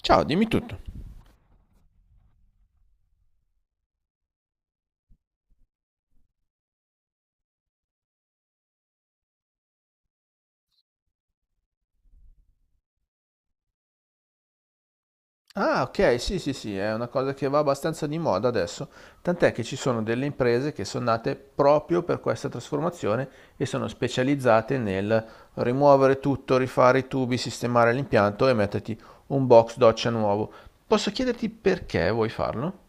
Ciao, dimmi tutto. Ah, ok, sì, sì, sì, è una cosa che va abbastanza di moda adesso, tant'è che ci sono delle imprese che sono nate proprio per questa trasformazione e sono specializzate nel rimuovere tutto, rifare i tubi, sistemare l'impianto e metterti un box doccia nuovo. Posso chiederti perché vuoi farlo?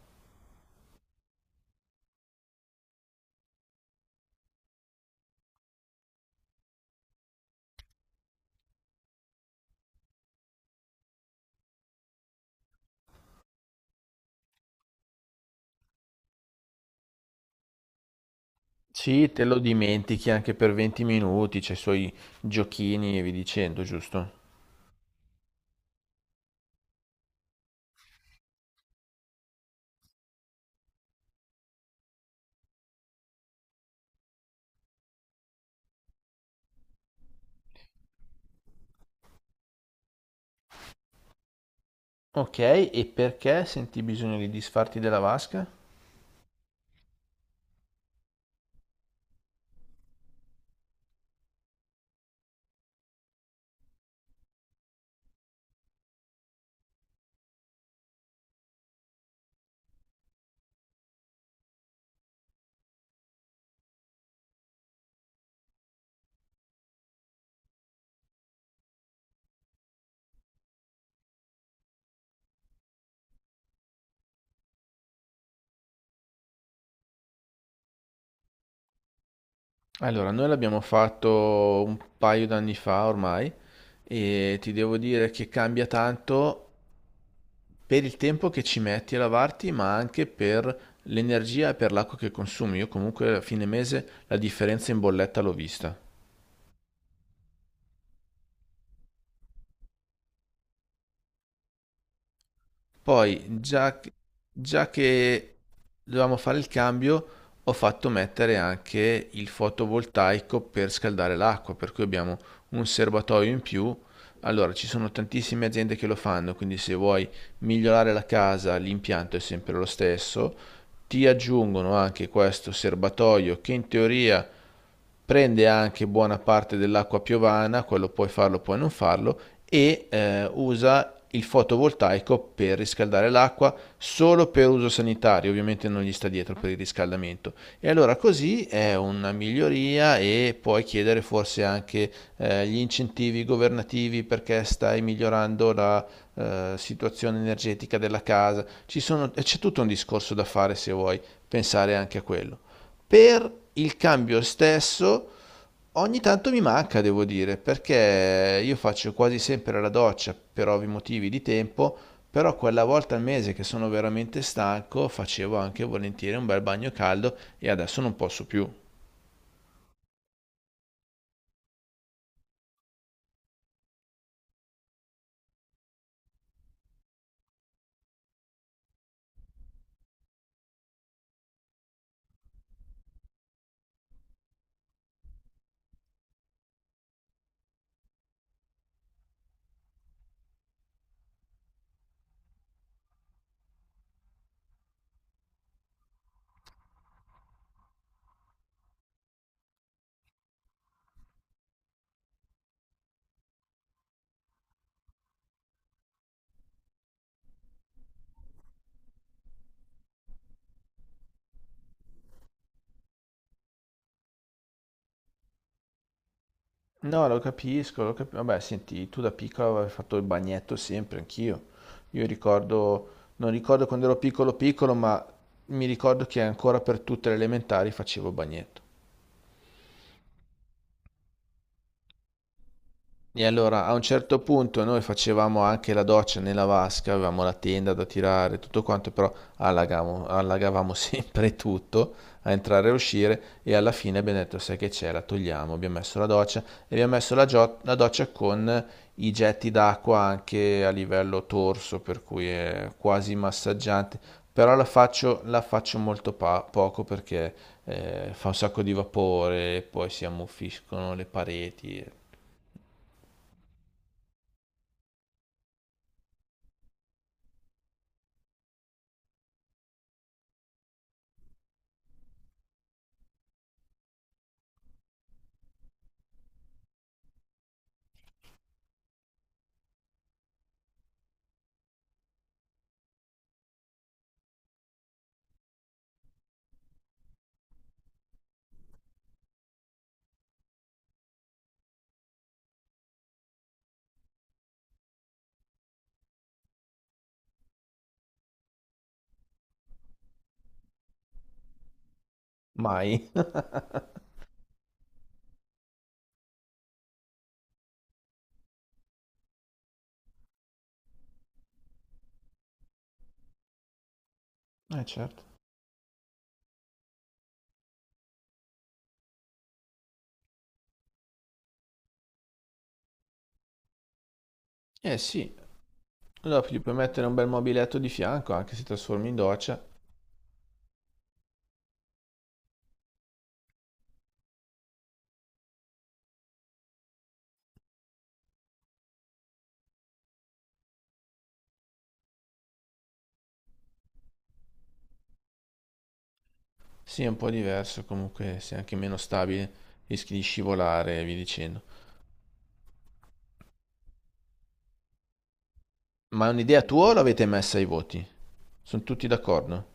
Sì, te lo dimentichi anche per 20 minuti, c'è i suoi giochini e vi dicendo, giusto? Ok, e perché senti bisogno di disfarti della vasca? Allora, noi l'abbiamo fatto un paio d'anni fa ormai e ti devo dire che cambia tanto per il tempo che ci metti a lavarti, ma anche per l'energia e per l'acqua che consumi. Io comunque a fine mese la differenza in bolletta l'ho vista. Poi, già, già che dovevamo fare il cambio, ho fatto mettere anche il fotovoltaico per scaldare l'acqua, per cui abbiamo un serbatoio in più. Allora, ci sono tantissime aziende che lo fanno, quindi se vuoi migliorare la casa, l'impianto è sempre lo stesso. Ti aggiungono anche questo serbatoio che in teoria prende anche buona parte dell'acqua piovana, quello puoi farlo, puoi non farlo, e usa il fotovoltaico per riscaldare l'acqua solo per uso sanitario, ovviamente non gli sta dietro per il riscaldamento. E allora così è una miglioria e puoi chiedere forse anche gli incentivi governativi perché stai migliorando la situazione energetica della casa. C'è tutto un discorso da fare se vuoi pensare anche a quello. Per il cambio stesso ogni tanto mi manca, devo dire, perché io faccio quasi sempre la doccia per ovvi motivi di tempo, però quella volta al mese che sono veramente stanco facevo anche volentieri un bel bagno caldo e adesso non posso più. No, lo capisco, lo capisco. Vabbè, senti, tu da piccolo avevi fatto il bagnetto sempre, anch'io. Io ricordo, non ricordo quando ero piccolo piccolo, ma mi ricordo che ancora per tutte le elementari facevo il bagnetto. E allora a un certo punto noi facevamo anche la doccia nella vasca, avevamo la tenda da tirare, tutto quanto, però allagavamo, allagavamo sempre tutto a entrare e a uscire e alla fine abbiamo detto sai che c'è, la togliamo, abbiamo messo la doccia e abbiamo messo la doccia con i getti d'acqua anche a livello torso, per cui è quasi massaggiante, però la faccio poco perché fa un sacco di vapore, poi si ammuffiscono le pareti, mai. Eh certo. Eh sì, allora gli puoi mettere un bel mobiletto di fianco, anche se trasformi in doccia. Sì, è un po' diverso, comunque sei anche meno stabile, rischi di scivolare e via dicendo. Ma è un'idea tua o l'avete messa ai voti? Sono tutti d'accordo?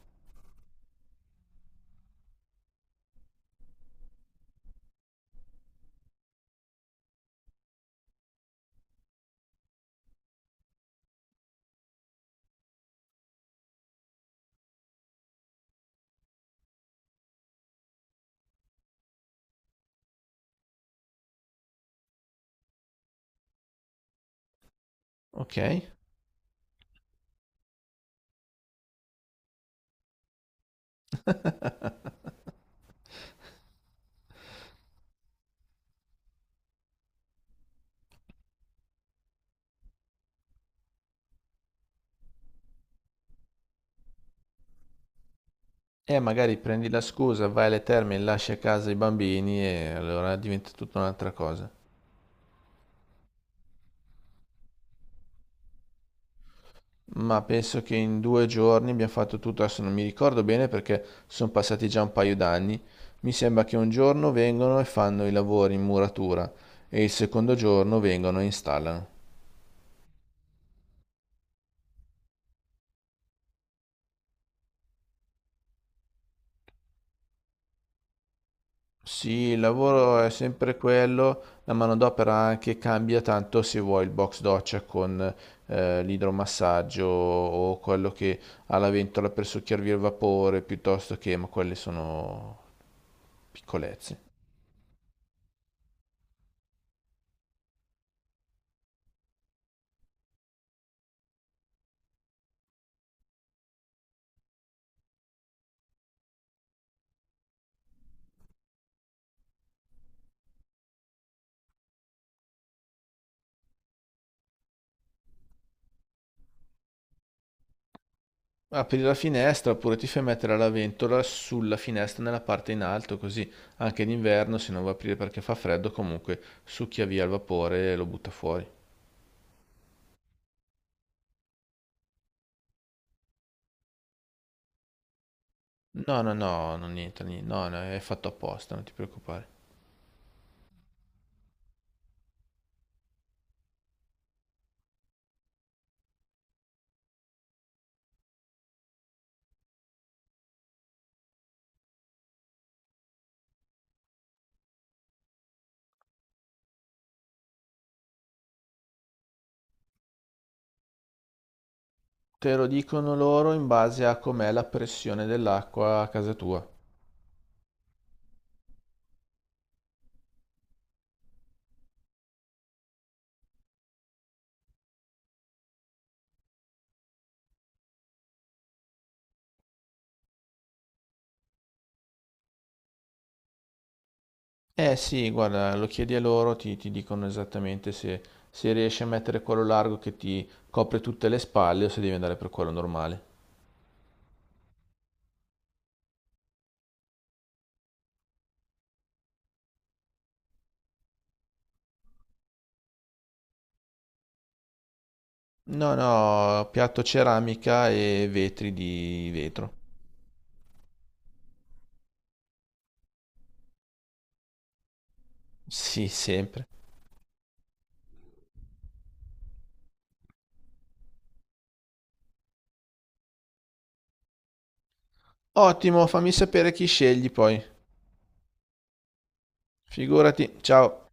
Ok. E magari prendi la scusa, vai alle terme e lasci a casa i bambini e allora diventa tutta un'altra cosa. Ma penso che in 2 giorni abbiamo fatto tutto, adesso non mi ricordo bene perché sono passati già un paio d'anni. Mi sembra che un giorno vengono e fanno i lavori in muratura e il secondo giorno vengono e installano. Sì, il lavoro è sempre quello, la manodopera anche cambia tanto se vuoi il box doccia con l'idromassaggio o quello che ha la ventola per succhiarvi il vapore piuttosto che, ma quelle sono piccolezze. Apri la finestra oppure ti fai mettere la ventola sulla finestra nella parte in alto, così anche d'inverno se non va a aprire perché fa freddo, comunque succhia via il vapore e lo butta fuori. No, no, no, non niente, no, no, è fatto apposta, non ti preoccupare. Te lo dicono loro in base a com'è la pressione dell'acqua a casa tua. Eh sì, guarda, lo chiedi a loro, ti dicono esattamente se, se riesci a mettere quello largo che ti copre tutte le spalle o se devi andare per quello normale. No, no, piatto ceramica e vetri di vetro. Sì, sempre. Ottimo, fammi sapere chi scegli poi. Figurati, ciao.